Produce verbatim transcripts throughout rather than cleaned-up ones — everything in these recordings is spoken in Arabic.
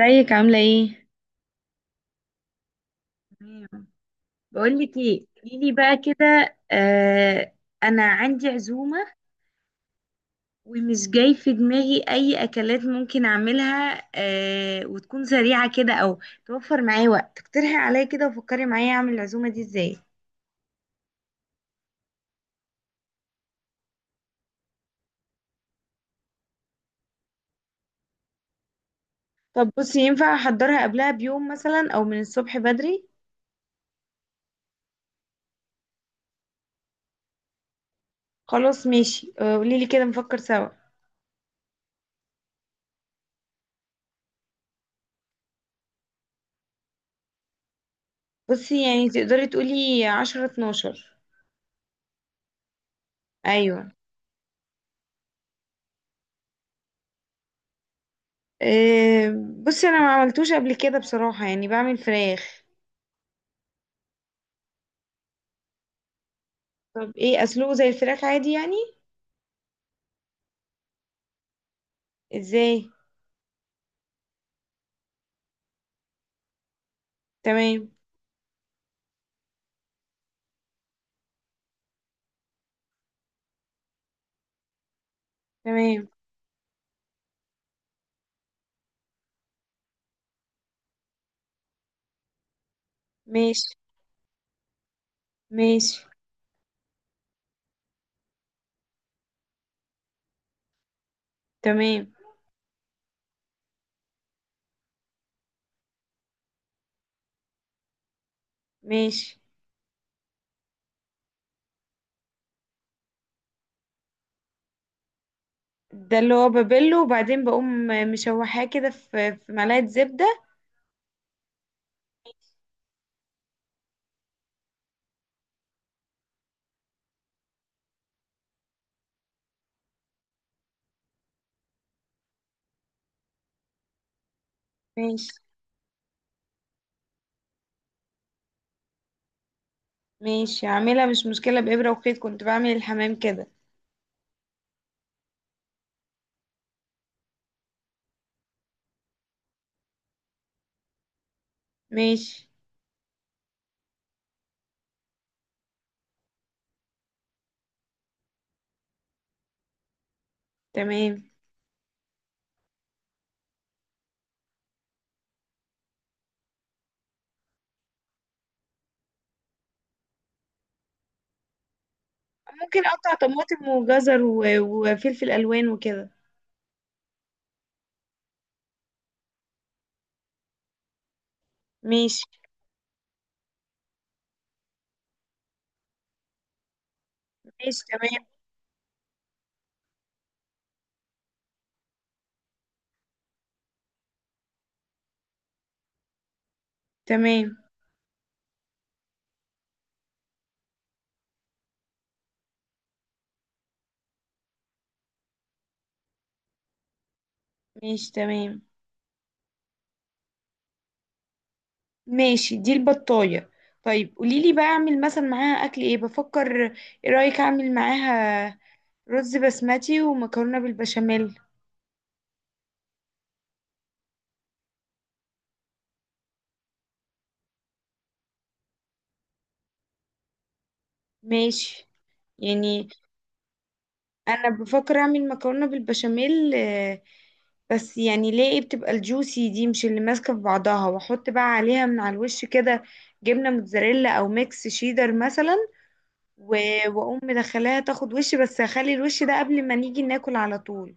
ازيك عاملة ايه؟ تمام. بقول لك ايه، قولي لي بقى كده آه انا عندي عزومه، ومش جاي في دماغي اي اكلات ممكن اعملها آه وتكون سريعه كده، او توفر معايا وقت. اقترحي عليا كده وفكري معايا اعمل العزومه دي ازاي. طب بصي، ينفع احضرها قبلها بيوم مثلا او من الصبح بدري؟ خلاص ماشي، آه، قوليلي كده نفكر سوا. بصي يعني تقدري تقولي عشرة اتناشر. ايوه. آه، بصي انا ما عملتوش قبل كده بصراحة، يعني بعمل فراخ. طب ايه اسلوه زي الفراخ عادي يعني؟ ازاي. تمام. تمام. ماشي. ماشي. تمام. ماشي، ده اللي هو ببله وبعدين بقوم مشوحاه كده في في معلقة زبدة. ماشي. ماشي، عاملها مش مشكلة بإبرة وخيط، كنت بعمل الحمام كده. ماشي تمام. ممكن اقطع طماطم وجزر و- وفلفل الوان وكده. ماشي. ماشي تمام. تمام. ماشي تمام. ماشي دي البطاية. طيب قوليلي بقى، اعمل مثلا معاها اكل ايه؟ بفكر ايه رأيك اعمل معاها رز بسمتي ومكرونة بالبشاميل. ماشي يعني. انا بفكر اعمل مكرونة بالبشاميل، آه، بس يعني ليه إيه بتبقى الجوسي دي مش اللي ماسكة في بعضها، واحط بقى عليها من على الوش كده جبنة موتزاريلا او ميكس شيدر مثلا. و- واقوم مدخلاها تاخد وش بس، هخلي الوش ده قبل ما نيجي ناكل على طول.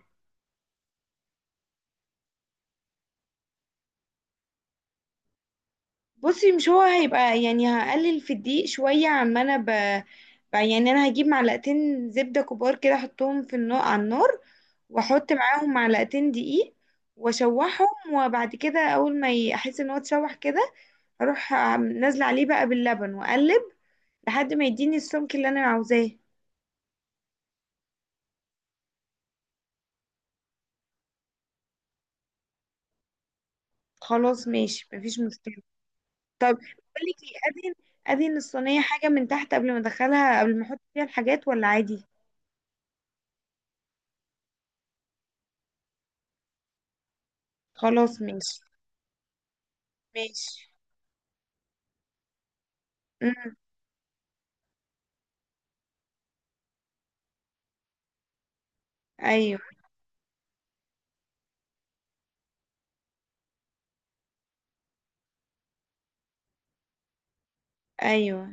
بصي مش هو هيبقى يعني، هقلل في الدقيق شوية عما انا ب... ب... يعني انا هجيب معلقتين زبدة كبار كده احطهم في النار على النار، واحط معاهم معلقتين دقيق واشوحهم، وبعد كده اول ما ي- احس ان هو اتشوح كده، اروح عم- نازلة عليه بقى باللبن واقلب لحد ما يديني السمك اللي انا عاوزاه. خلاص ماشي، مفيش مشكلة. طب بقولك ايه، ادهن ادهن الصينية حاجة من تحت قبل ما ادخلها، قبل ما احط فيها الحاجات ولا عادي؟ خلاص ماشي. ماشي. امم. ايوه. ايوه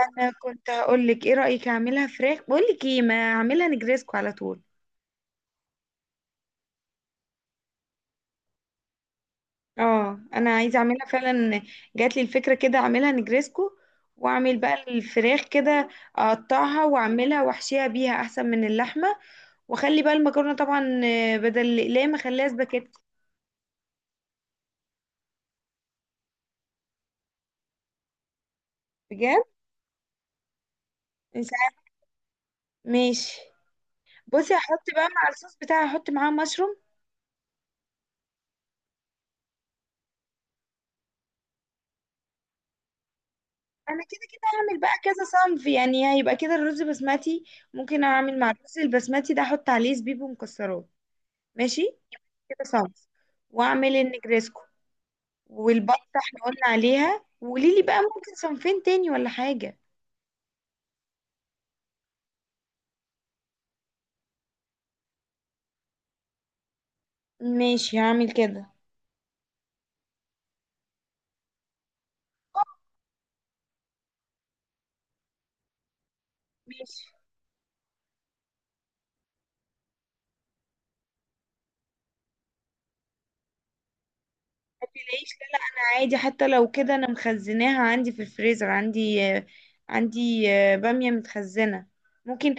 انا كنت هقول لك، ايه رايك اعملها فراخ؟ بقول لك ايه، ما اعملها نجريسكو على طول. اه انا عايزه اعملها فعلا، جات لي الفكره كده اعملها نجريسكو، واعمل بقى الفراخ كده اقطعها واعملها واحشيها بيها احسن من اللحمه. واخلي بقى المكرونه طبعا، آه، بدل الاقلام اخليها سباكيت. بجد. مش عارف- ماشي. بصي هحط بقى مع الصوص بتاعي، هحط معاه مشروم. انا كده كده هعمل بقى كذا صنف، يعني هيبقى كده الرز بسمتي. ممكن اعمل مع الرز البسمتي ده احط عليه زبيب ومكسرات. ماشي. كده صنف. واعمل النجريسكو. والبطه احنا قلنا عليها، وقوليلي بقى ممكن صنفين تاني ولا حاجه. ماشي هعمل كده. ماشي. العيش لا لا، انا عادي حتى لو كده، انا مخزناها عندي في الفريزر، عندي آه، عندي آه، باميه متخزنه. ممكن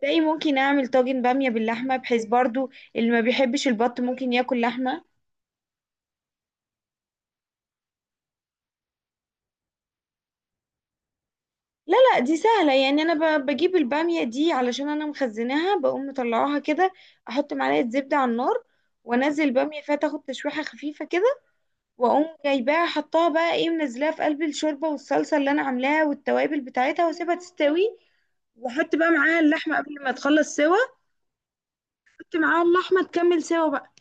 تلاقي ممكن اعمل طاجن باميه باللحمه، بحيث برضو اللي ما بيحبش البط ممكن ياكل لحمه. لا لا دي سهلة يعني. أنا ب- بجيب البامية دي علشان أنا مخزناها، بقوم مطلعاها كده، أحط معلقة زبدة على النار وأنزل البامية فيها تاخد تشويحة خفيفة كده، وأقوم جايباها حطاها بقى إيه منزلاها في قلب الشوربة والصلصة اللي أنا عاملاها والتوابل بتاعتها، وأسيبها تستوي، وأحط بقى معاها اللحمة قبل ما تخلص سوا. أحط معاها اللحمة تكمل سوا بقى.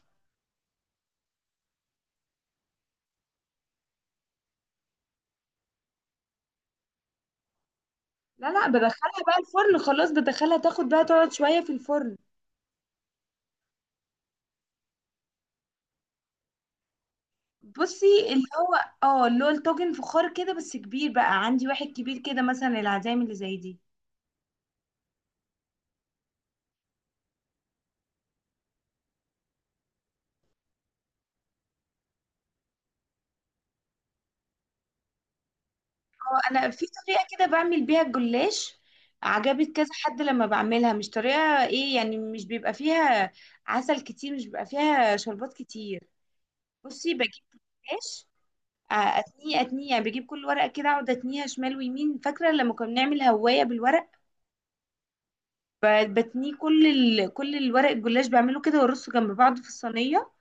لا لا بدخلها بقى الفرن، خلاص بدخلها تاخد بقى، تقعد شوية في الفرن. بصي اللي هو، اه اللي هو الطاجن فخار كده بس كبير، بقى عندي واحد كبير كده مثلا، العزايم اللي زي دي. اه، انا في طريقه كده بعمل بيها الجلاش، عجبت كذا حد لما بعملها. مش طريقه ايه يعني، مش بيبقى فيها عسل كتير، مش بيبقى فيها شربات كتير. بصي، بجيب جلاش، آه، اتنيه اتنيه يعني، بجيب كل ورقه كده اقعد اتنيها شمال ويمين، فاكره لما كنا بنعمل هوايه بالورق؟ ب- بتنيه كل ال... كل الورق الجلاش بعمله كده وارصه جنب بعض في الصينيه.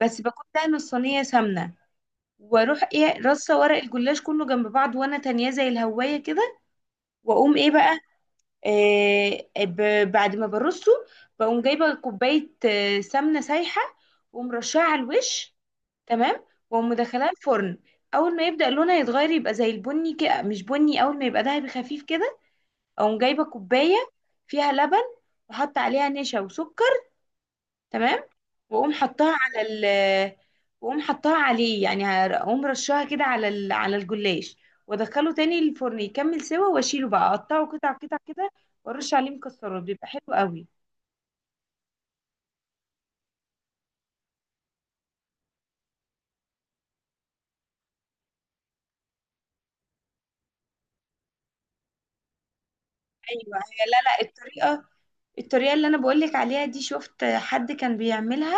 بس بكون دهن الصينيه سمنه، واروح ايه رصه ورق الجلاش كله جنب بعض، وانا تانية زي الهوايه كده. واقوم ايه بقى، آه ب- بعد ما برصه بقوم جايبه كوبايه، آه، سمنه سايحه، ومرشاها على الوش. تمام. واقوم مدخلاه الفرن. اول ما يبدا لونها يتغير يبقى زي البني كده، مش بني، اول ما يبقى دهبي خفيف كده اقوم جايبه كوبايه فيها لبن، وحط عليها نشا وسكر. تمام. واقوم حطاها على ال... واقوم حطاها عليه يعني، هر- اقوم رشاها كده على ال... على الجلاش، وادخله تاني الفرن يكمل سوا، واشيله بقى اقطعه قطع قطع كده، وارش عليه مكسرات. بيبقى حلو قوي. ايوه هي- لا لا الطريقه، الطريقه اللي انا بقولك عليها دي شفت حد كان بيعملها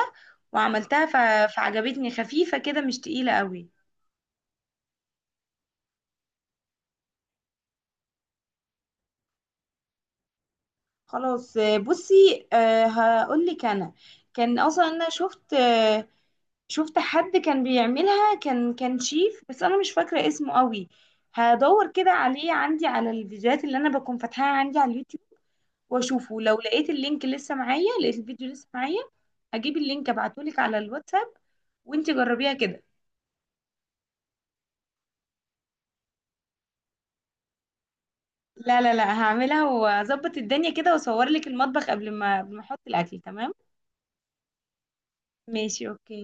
وعملتها ف... فعجبتني، خفيفه كده مش تقيله قوي. خلاص، آه، بصي، آه، هقولك انا، كان اصلا انا شفت، آه، شفت حد كان بيعملها، كان كان شيف بس انا مش فاكره اسمه قوي. هدور كده عليه عندي على الفيديوهات اللي انا بكون فاتحاها عندي على اليوتيوب واشوفه، لو لقيت اللينك لسه معايا، لقيت الفيديو لسه معايا، هجيب اللينك ابعتهولك على الواتساب وانتي جربيها كده. لا لا لا هعملها، واظبط الدنيا كده واصور لك المطبخ قبل ما قبل ما احط الاكل. تمام. ماشي اوكي.